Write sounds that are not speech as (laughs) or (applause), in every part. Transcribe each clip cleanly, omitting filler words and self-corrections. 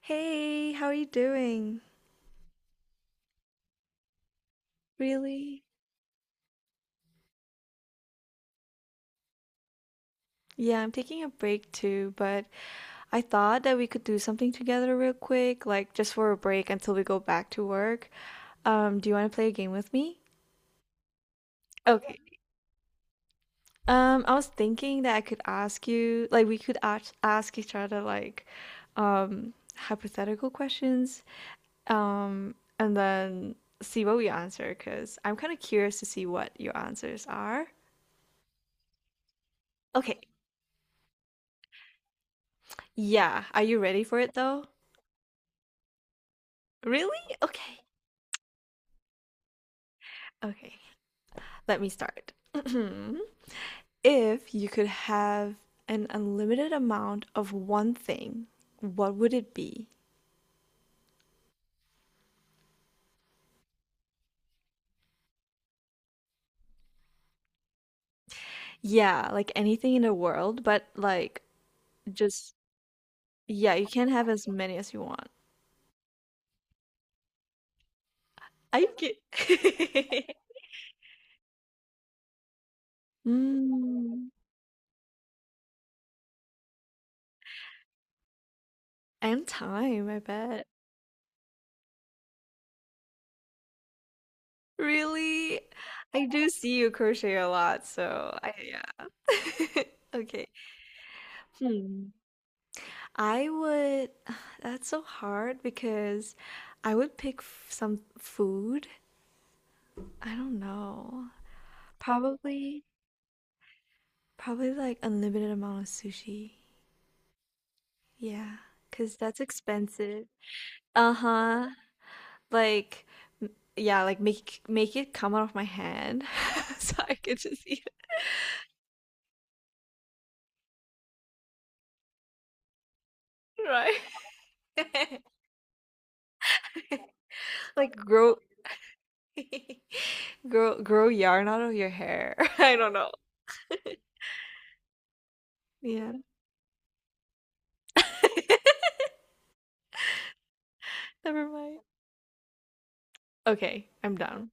Hey, how are you doing? Really? Yeah, I'm taking a break too, but I thought that we could do something together real quick, like just for a break until we go back to work. Do you want to play a game with me? Okay. I was thinking that I could ask you, like we could ask each other like hypothetical questions, and then see what we answer, 'cause I'm kind of curious to see what your answers are. Okay. Yeah, are you ready for it though? Really? Okay. Okay. Let me start. (clears throat) If you could have an unlimited amount of one thing, what would it be? Yeah, like anything in the world, but like just, yeah, you can have as many as you want. I get. (laughs) Mm, and time, I bet. Really? I do see you crochet a lot, so I, yeah. (laughs) Okay. Hmm. I would, (sighs) that's so hard because I would pick f some food. I don't know. Probably, probably like unlimited amount of sushi. Yeah, because that's expensive. Uh-huh. Like, yeah, like make it come out of my hand (laughs) so I could just eat it. Right. (laughs) Like grow (laughs) grow yarn out of your hair. (laughs) I don't know. Yeah. (laughs) Never mind. Okay, I'm done.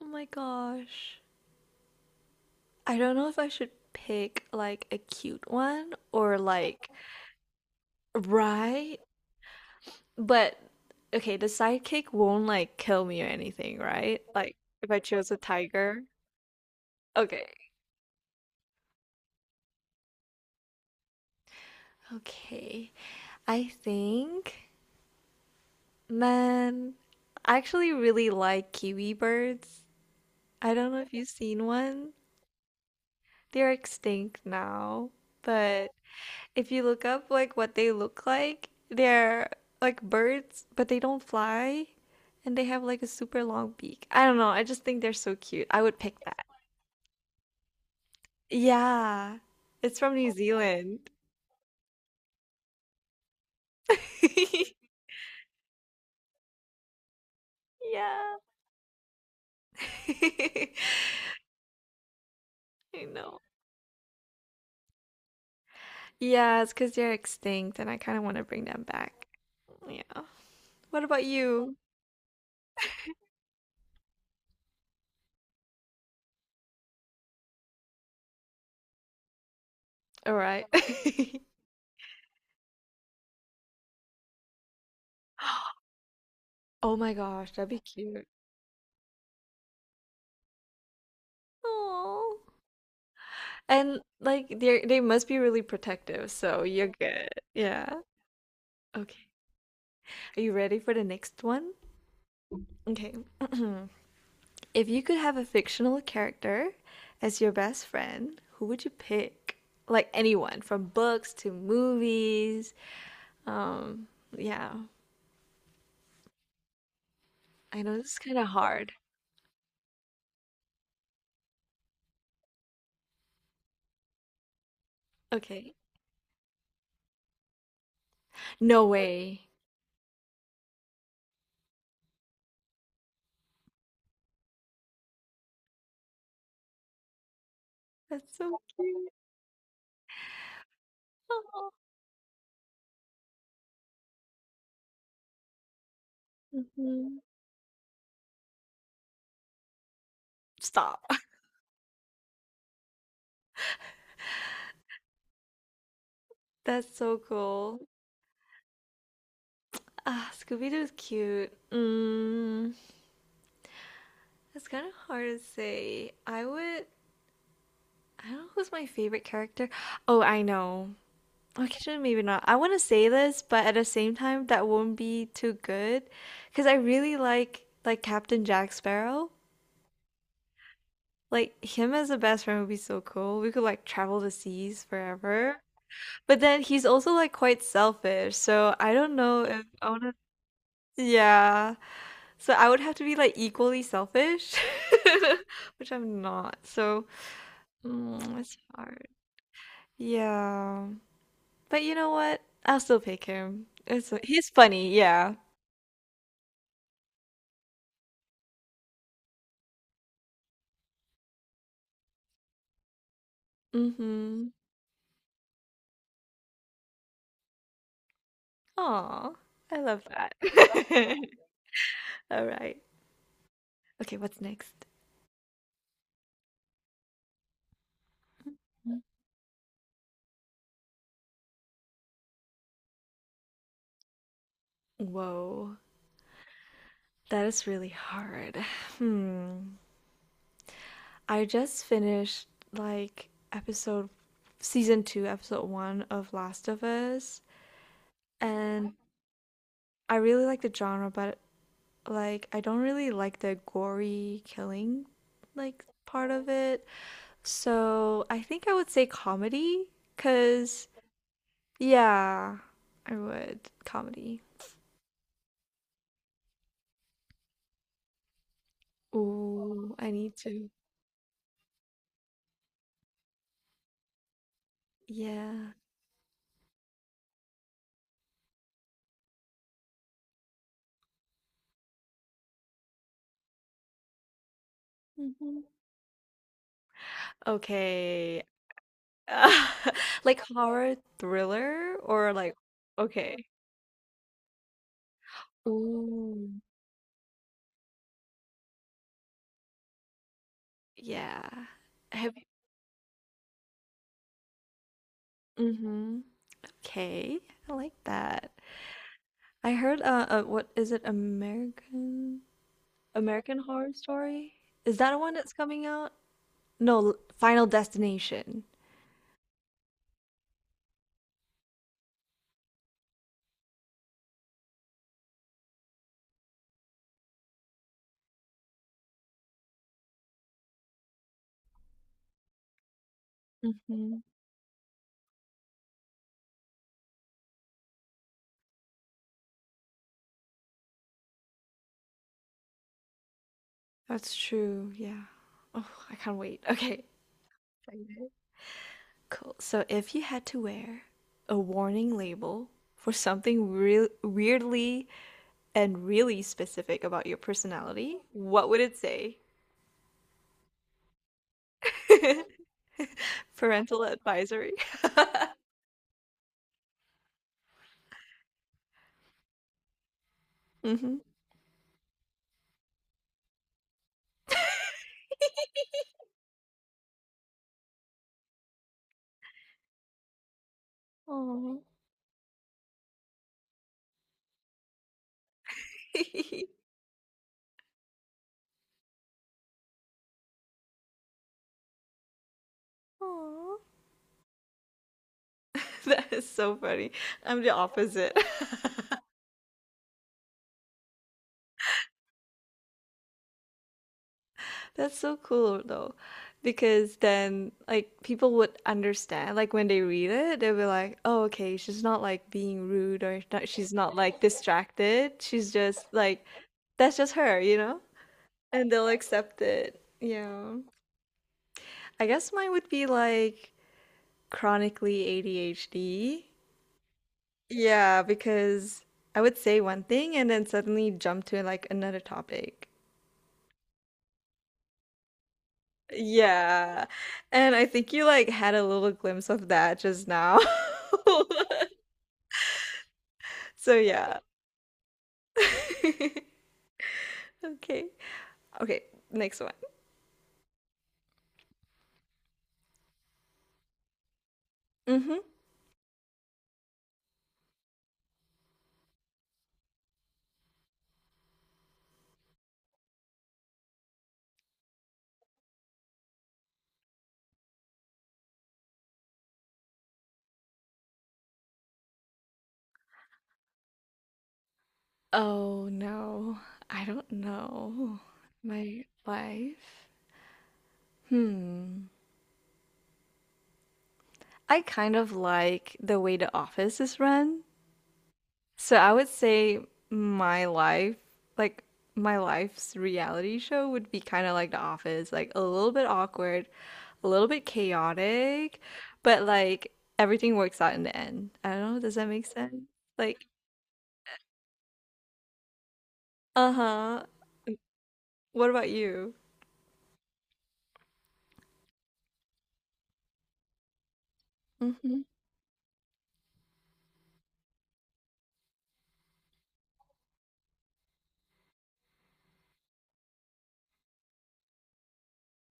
Oh my gosh. I don't know if I should pick like a cute one or like right, but okay, the sidekick won't like kill me or anything, right? Like if I chose a tiger. Okay. Okay. I think, man, I actually really like kiwi birds. I don't know if you've seen one. They're extinct now, but if you look up like what they look like, they're like birds, but they don't fly and they have like a super long beak. I don't know, I just think they're so cute. I would pick that. Yeah. It's from New Zealand. (laughs) Yeah. (laughs) I know. Yeah, it's because they're extinct and I kind of want to bring them back. Yeah. What about you? All right. (gasps) (laughs) Oh my gosh, that'd be cute. Oh. And like they must be really protective, so you're good. Yeah. Okay. Are you ready for the next one? Okay. (clears throat) If you could have a fictional character as your best friend, who would you pick? Like anyone, from books to movies. Um, yeah. I know this is kind of hard. Okay. No way. That's so cute. Aw. Mhm. Stop. (laughs) That's so cool. Ah, Scooby-Doo's cute. Mm. It's kind of hard to say. I would. I don't know who's my favorite character. Oh, I know. Okay, maybe not. I want to say this, but at the same time, that won't be too good, because I really like Captain Jack Sparrow. Like him as a best friend would be so cool. We could like travel the seas forever. But then he's also like quite selfish, so I don't know if I want to. Yeah. So I would have to be like equally selfish, (laughs) which I'm not. So mm, it's hard. Yeah. But you know what? I'll still pick him. It's he's funny, yeah. Mm-hmm. Aw, I love that. (laughs) All right. Okay, what's next? Whoa, that is really hard. Hmm. I just finished like episode season two, episode one of Last of Us, and I really like the genre, but like I don't really like the gory killing like part of it. So I think I would say comedy, cause yeah, I would comedy. Ooh, I need to. Yeah. Hmm. Okay. (laughs) Like horror thriller or like okay. Ooh, yeah. Have mm-hmm. Okay, I like that. I heard what is it American American Horror Story? Is that one that's coming out? No, L- Final Destination. Mhm. That's true, yeah. Oh, I can't wait. (laughs) Okay. Excited. Cool. So if you had to wear a warning label for something real weirdly and really specific about your personality, what would it say? (laughs) Parental advisory. (laughs) Hmm. Aw. Aw. (laughs) (laughs) That is so funny. I'm the opposite. (laughs) That's so cool though, because then like people would understand. Like when they read it, they'll be like, "Oh, okay, she's not like being rude or not, she's not like distracted. She's just like that's just her, you know?" And they'll accept it. Yeah. I guess mine would be like chronically ADHD. Yeah, because I would say one thing and then suddenly jump to like another topic. Yeah. And I think you like had a little glimpse of that just now. (laughs) So yeah. (laughs) Okay. Okay, next one. Hmm. Oh no. I don't know. My life. Hmm. I kind of like the way the office is run. So I would say my life, like my life's reality show would be kind of like The Office, like a little bit awkward, a little bit chaotic, but like everything works out in the end. I don't know, does that make sense? Like, uh-huh. What about you? Hmm.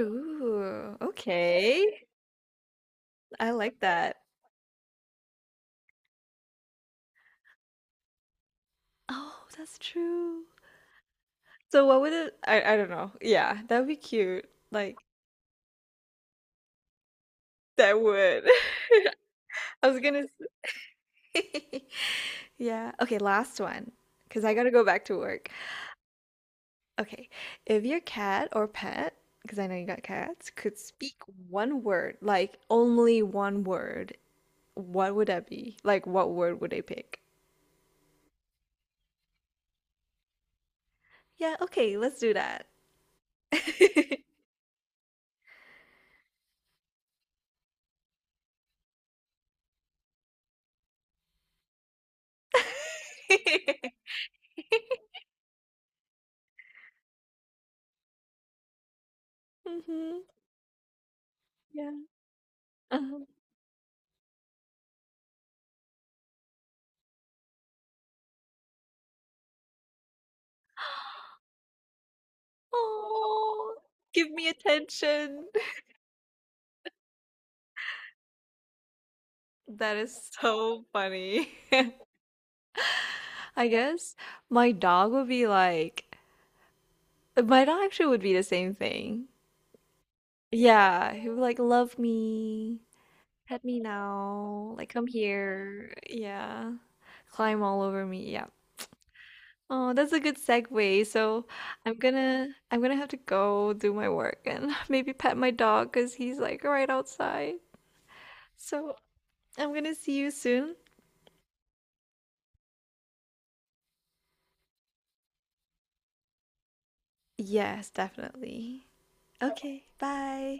Ooh, okay. I like that. Oh, that's true. So what would it I don't know. Yeah, that would be cute. Like that would. (laughs) I was gonna say. (laughs) Yeah. Okay, last one. Because I gotta go back to work. Okay, if your cat or pet, because I know you got cats, could speak one word, like only one word, what would that be? Like, what word would they pick? Yeah, okay, let's do that. (laughs) Hmm. Yeah. Uh-huh. Oh, give me attention. (laughs) That is so funny. (laughs) I guess my dog would be like, my dog actually would be the same thing. Yeah, he would like love me. Pet me now. Like, come here. Yeah. Climb all over me. Yeah. Oh, that's a good segue. So I'm gonna have to go do my work and (laughs) maybe pet my dog because he's like right outside. So I'm gonna see you soon. Yes, definitely. Okay, bye.